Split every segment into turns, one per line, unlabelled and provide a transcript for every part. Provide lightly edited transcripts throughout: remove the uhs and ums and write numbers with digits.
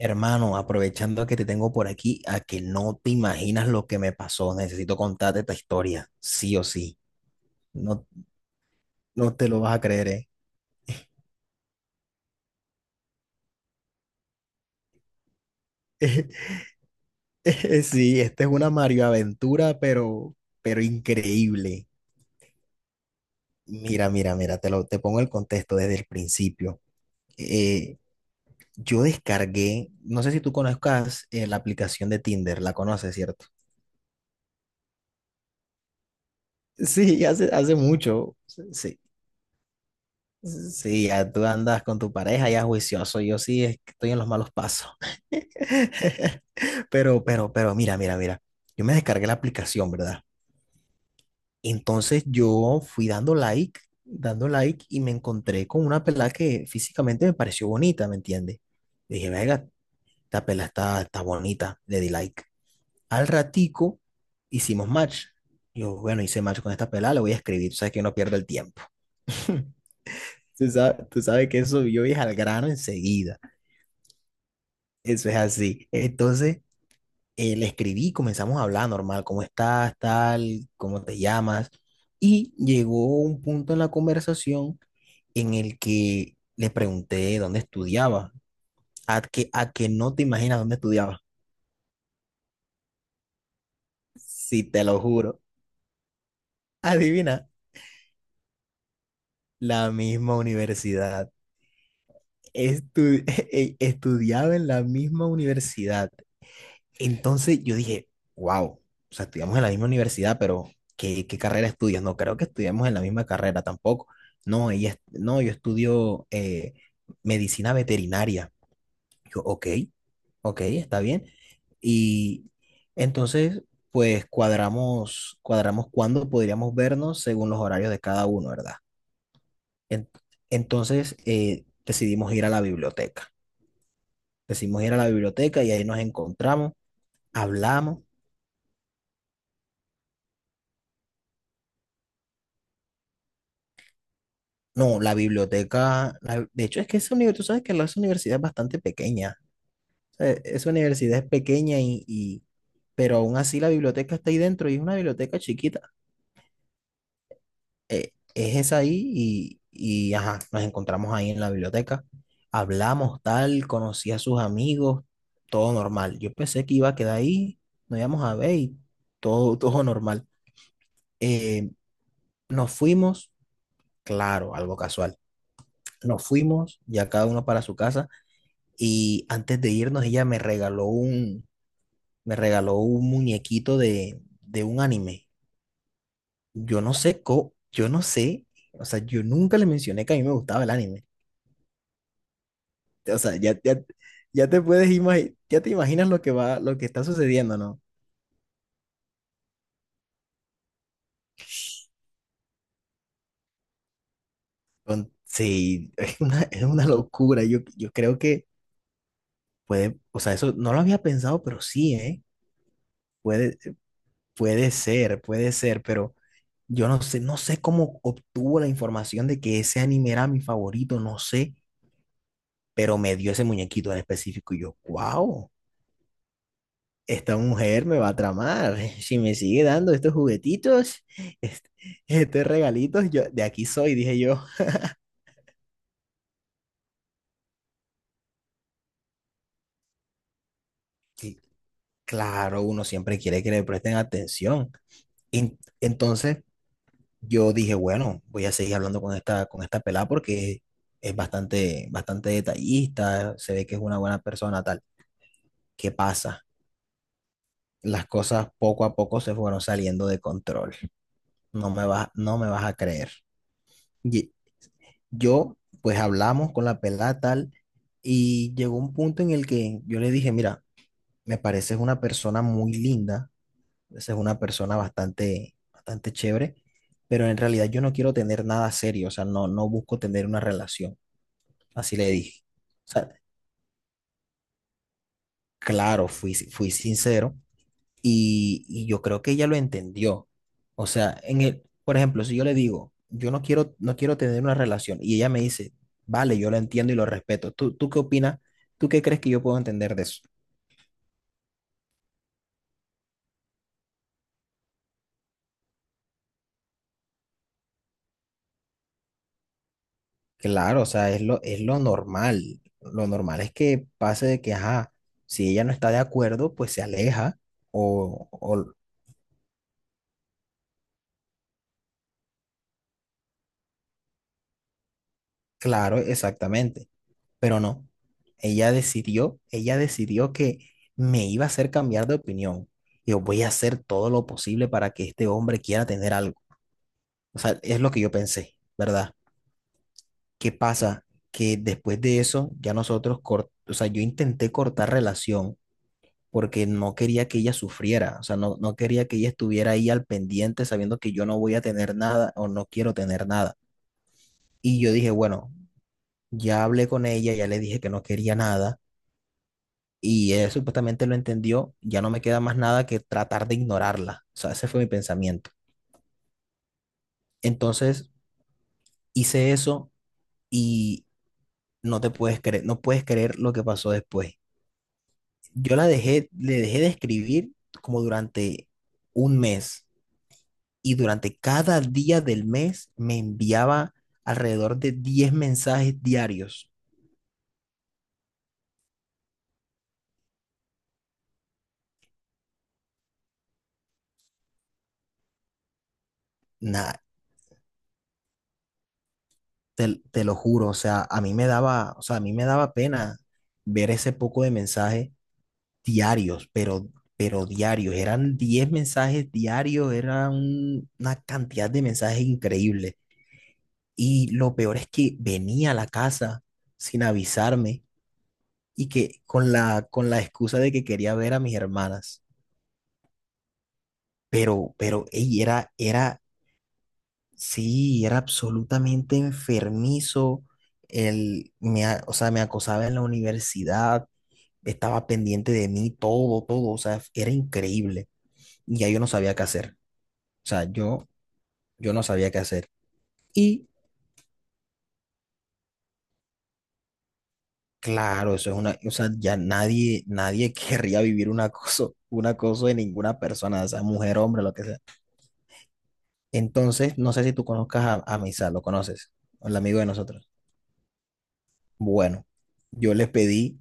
Hermano, aprovechando que te tengo por aquí, a que no te imaginas lo que me pasó. Necesito contarte esta historia, sí o sí. No, no te lo vas a creer, ¿eh? Sí, esta es una Mario Aventura, pero increíble. Mira, mira, mira, te pongo el contexto desde el principio. Eh, yo descargué, no sé si tú conozcas la aplicación de Tinder, la conoces, ¿cierto? Sí, hace mucho. Sí, sí, ya tú andas con tu pareja ya juicioso. Yo sí es que estoy en los malos pasos. Pero, mira, mira, mira. Yo me descargué la aplicación, ¿verdad? Entonces yo fui dando like y me encontré con una pelada que físicamente me pareció bonita, ¿me entiendes? Dije, venga, esta pelada está bonita, le di like. Al ratico hicimos match. Yo, bueno, hice match con esta pelada, le voy a escribir, tú sabes que uno pierde el tiempo. Tú sabes que eso yo es al grano enseguida. Eso es así. Entonces, le escribí, comenzamos a hablar normal, ¿cómo estás, tal, cómo te llamas? Y llegó un punto en la conversación en el que le pregunté dónde estudiaba, a que no te imaginas dónde estudiaba, si te lo juro. Adivina, la misma universidad. Estu- estudiaba en la misma universidad. Entonces yo dije, wow, o sea, estudiamos en la misma universidad, pero ¿qué carrera estudias? No creo que estudiamos en la misma carrera tampoco. No, no, yo estudio medicina veterinaria. Yo, ok, ok, está bien. Y entonces, pues cuadramos cuándo podríamos vernos según los horarios de cada uno, ¿verdad? En- entonces, decidimos ir a la biblioteca. Decidimos ir a la biblioteca y ahí nos encontramos, hablamos. No, la biblioteca, de hecho es que esa universidad, tú sabes que la esa universidad es bastante pequeña. O sea, esa universidad es pequeña y, pero aún así la biblioteca está ahí dentro y es una biblioteca chiquita. Es esa ahí ajá, nos encontramos ahí en la biblioteca. Hablamos tal, conocí a sus amigos, todo normal. Yo pensé que iba a quedar ahí, nos íbamos a ver y todo, todo normal. Eh, nos fuimos, claro, algo casual. Nos fuimos, ya cada uno para su casa. Y antes de irnos, ella me regaló me regaló un muñequito de un anime. Yo no sé, o sea, yo nunca le mencioné que a mí me gustaba el anime. O sea, ya, ya, ya te puedes imaginar, ya te imaginas lo que va, lo que está sucediendo, ¿no? Sí, es una locura. Yo creo que puede, o sea, eso no lo había pensado, pero sí, ¿eh? Puede, puede ser, pero... Yo no sé, no sé cómo obtuvo la información de que ese anime era mi favorito, no sé, pero me dio ese muñequito en específico y yo, wow, esta mujer me va a tramar. Si me sigue dando estos juguetitos, est- estos regalitos, yo de aquí soy, dije yo. Y claro, uno siempre quiere que le presten atención. Entonces yo dije, bueno, voy a seguir hablando con con esta pelada porque es bastante, bastante detallista, se ve que es una buena persona, tal. ¿Qué pasa? Las cosas poco a poco se fueron saliendo de control. No me vas a creer. Y yo, pues hablamos con la pelada tal y llegó un punto en el que yo le dije, mira, me pareces una persona muy linda, es una persona bastante, bastante chévere, pero en realidad yo no quiero tener nada serio, o sea, no, no busco tener una relación. Así le dije. O sea, claro, fui sincero. Y yo creo que ella lo entendió. O sea, en el, por ejemplo, si yo le digo, yo no quiero, no quiero tener una relación, y ella me dice, vale, yo lo entiendo y lo respeto. ¿Tú qué opinas? ¿Tú qué crees que yo puedo entender de eso? Claro, o sea, es lo normal. Lo normal es que pase de que, ajá, si ella no está de acuerdo, pues se aleja. O claro, exactamente. Pero no, ella decidió que me iba a hacer cambiar de opinión. Yo voy a hacer todo lo posible para que este hombre quiera tener algo. O sea, es lo que yo pensé, ¿verdad? ¿Qué pasa? Que después de eso, ya nosotros, o sea, yo intenté cortar relación porque no quería que ella sufriera, o sea, no, no quería que ella estuviera ahí al pendiente sabiendo que yo no voy a tener nada o no quiero tener nada. Y yo dije, bueno, ya hablé con ella, ya le dije que no quería nada y él supuestamente lo entendió, ya no me queda más nada que tratar de ignorarla. O sea, ese fue mi pensamiento. Entonces hice eso y no te puedes creer, no puedes creer lo que pasó después. Yo la dejé, le dejé de escribir como durante un mes y durante cada día del mes me enviaba alrededor de 10 mensajes diarios. Nada, te lo juro, o sea, a mí me daba pena ver ese poco de mensaje diarios, pero diarios. Eran 10 mensajes diarios, era una cantidad de mensajes increíble. Y lo peor es que venía a la casa sin avisarme y que con con la excusa de que quería ver a mis hermanas. Pero, ey, era, era, sí, era absolutamente enfermizo. O sea, me acosaba en la universidad, estaba pendiente de mí, todo, todo, o sea, era increíble. Y ya yo no sabía qué hacer. O sea, yo no sabía qué hacer. Y claro, eso es una, o sea, ya nadie, nadie querría vivir un acoso de ninguna persona, o sea mujer, hombre, lo que sea. Entonces, no sé si tú conozcas a Misal, ¿lo conoces? El amigo de nosotros. Bueno, yo le pedí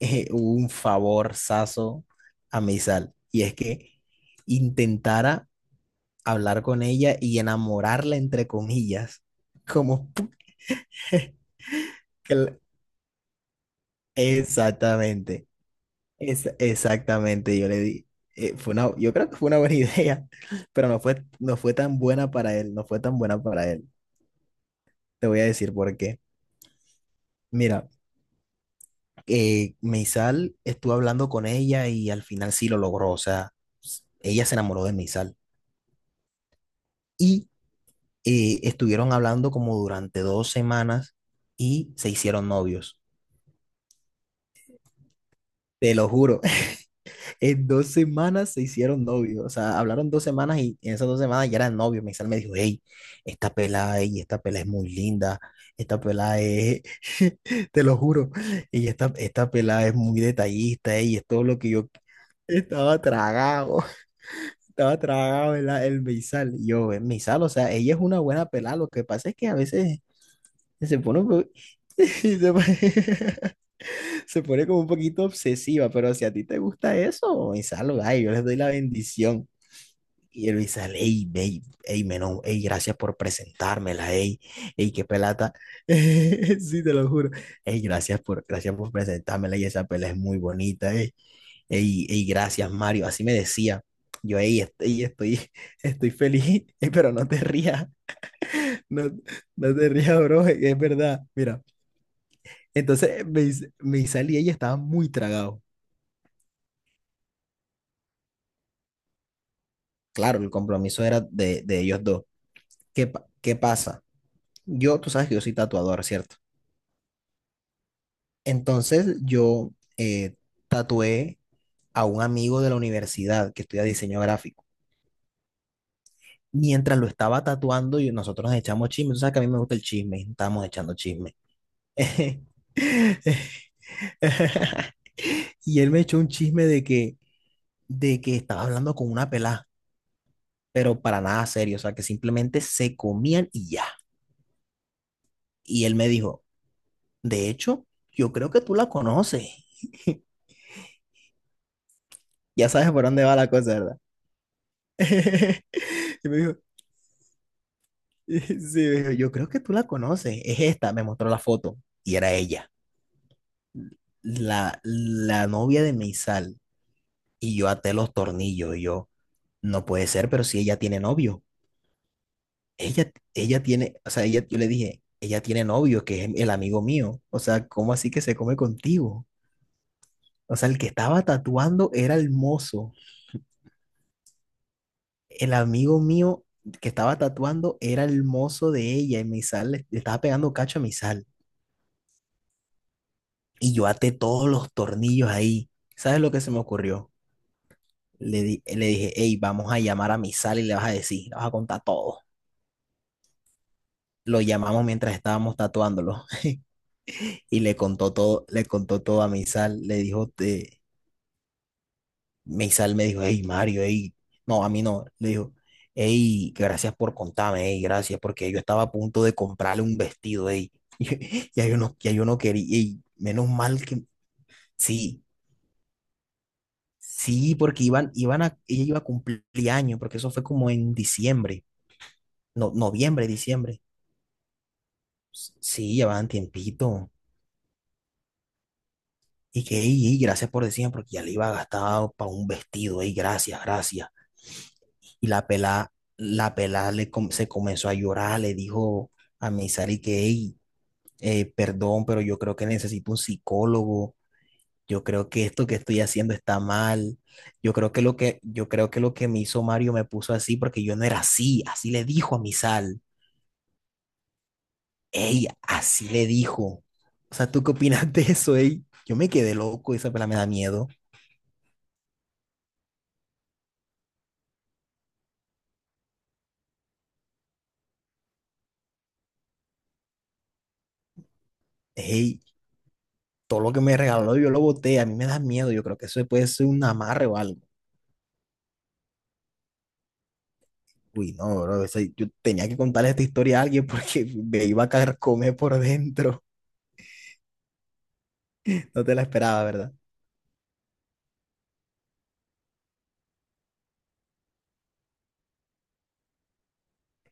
un favorzazo a Misal, y es que intentara hablar con ella y enamorarla, entre comillas, como... que la- exactamente. Exactamente, yo le di. Fue una, yo creo que fue una buena idea, pero no fue tan buena para él, no fue tan buena para él. Te voy a decir por qué. Mira, Meisal estuvo hablando con ella y al final sí lo logró, o sea, ella se enamoró de Meisal. Y estuvieron hablando como durante 2 semanas y se hicieron novios. Te lo juro, en 2 semanas se hicieron novios, o sea, hablaron 2 semanas y en esas 2 semanas ya eran novios. Meisal me dijo, hey, esta pelada, ey, esta pelada es muy linda, esta pelada es, te lo juro, y esta pelada es muy detallista, y es todo lo que yo estaba tragado, estaba tragado el Meisal. Y yo, el Meisal, o sea, ella es una buena pelada, lo que pasa es que a veces se pone, un po- se pone- se pone como un poquito obsesiva, pero si a ti te gusta eso, Gonzalo, ay, yo les doy la bendición. Y él me dice, hey, menón, hey, gracias por presentármela, hey, hey, qué pelata. Sí, te lo juro. Hey, gracias por presentármela y esa pela es muy bonita, hey, gracias, Mario. Así me decía. Yo, hey, estoy feliz. Ey, pero no te rías, no, no te rías, bro, es verdad. Mira, entonces me salí y ella estaba muy tragado. Claro, el compromiso era de ellos dos. ¿Qué pasa? Yo, tú sabes que yo soy tatuador, ¿cierto? Entonces yo eh, tatué a un amigo de la universidad que estudia diseño gráfico. Mientras lo estaba tatuando, yo, nosotros nos echamos chisme. Tú sabes que a mí me gusta el chisme, estábamos echando chisme. Y él me echó un chisme de que estaba hablando con una pelá, pero para nada serio, o sea, que simplemente se comían y ya. Y él me dijo, de hecho, yo creo que tú la conoces. Ya sabes por dónde va la cosa, ¿verdad? Y me dijo, sí, me dijo, yo creo que tú la conoces, es esta, me mostró la foto y era ella, la novia de Meisal. Y yo até los tornillos y yo, no puede ser, pero si ella tiene novio, ella tiene, o sea, ella, yo le dije, ella tiene novio, que es el amigo mío, o sea, ¿cómo así que se come contigo? O sea, el que estaba tatuando era el mozo, el amigo mío que estaba tatuando era el mozo de ella y Meisal le estaba pegando cacho a Meisal. Y yo até todos los tornillos ahí. ¿Sabes lo que se me ocurrió? Le dije, hey, vamos a llamar a mi sal y le vas a decir, le vas a contar todo. Lo llamamos mientras estábamos tatuándolo y le contó todo a mi. Le dijo, te... mi me dijo, hey, Mario, hey, no, a mí no. Le dijo, hey, gracias por contarme, hey, gracias, porque yo estaba a punto de comprarle un vestido, hey. Y yo no, ya yo no quería, hey, menos mal que, sí. Sí, porque ella iba a cumplir años, porque eso fue como en diciembre, no, noviembre, diciembre. Sí, llevaban tiempito. Y que, y, gracias por decirme, porque ya le iba a gastar para un vestido, y gracias, gracias. Y la pelá se comenzó a llorar, le dijo a Misari que, ey, perdón, pero yo creo que necesito un psicólogo. Yo creo que esto que estoy haciendo está mal. Yo creo yo creo que lo que me hizo Mario me puso así porque yo no era así. Así le dijo a mi sal. Ey, así le dijo. O sea, ¿tú qué opinas de eso, ey? Yo me quedé loco, esa pela me da miedo. Ey, todo lo que me regaló yo lo boté, a mí me da miedo. Yo creo que eso puede ser un amarre o algo. Uy, no, bro, o yo tenía que contarle esta historia a alguien porque me iba a comer por dentro. No te la esperaba, ¿verdad?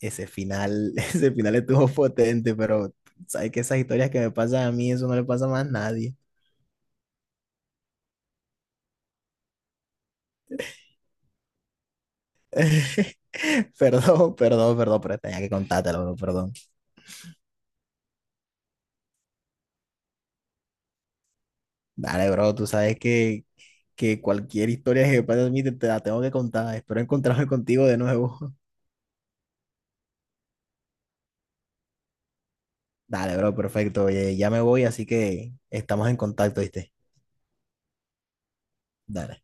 Ese final, ese final estuvo potente, pero sabes que esas historias que me pasan a mí, eso no le pasa más a nadie. Perdón, perdón, perdón, pero tenía que contártelo, bro, perdón. Dale, bro, tú sabes que cualquier historia que me pase a mí te la tengo que contar. Espero encontrarme contigo de nuevo. Dale, bro, perfecto. Oye, ya me voy, así que estamos en contacto, ¿viste? Dale.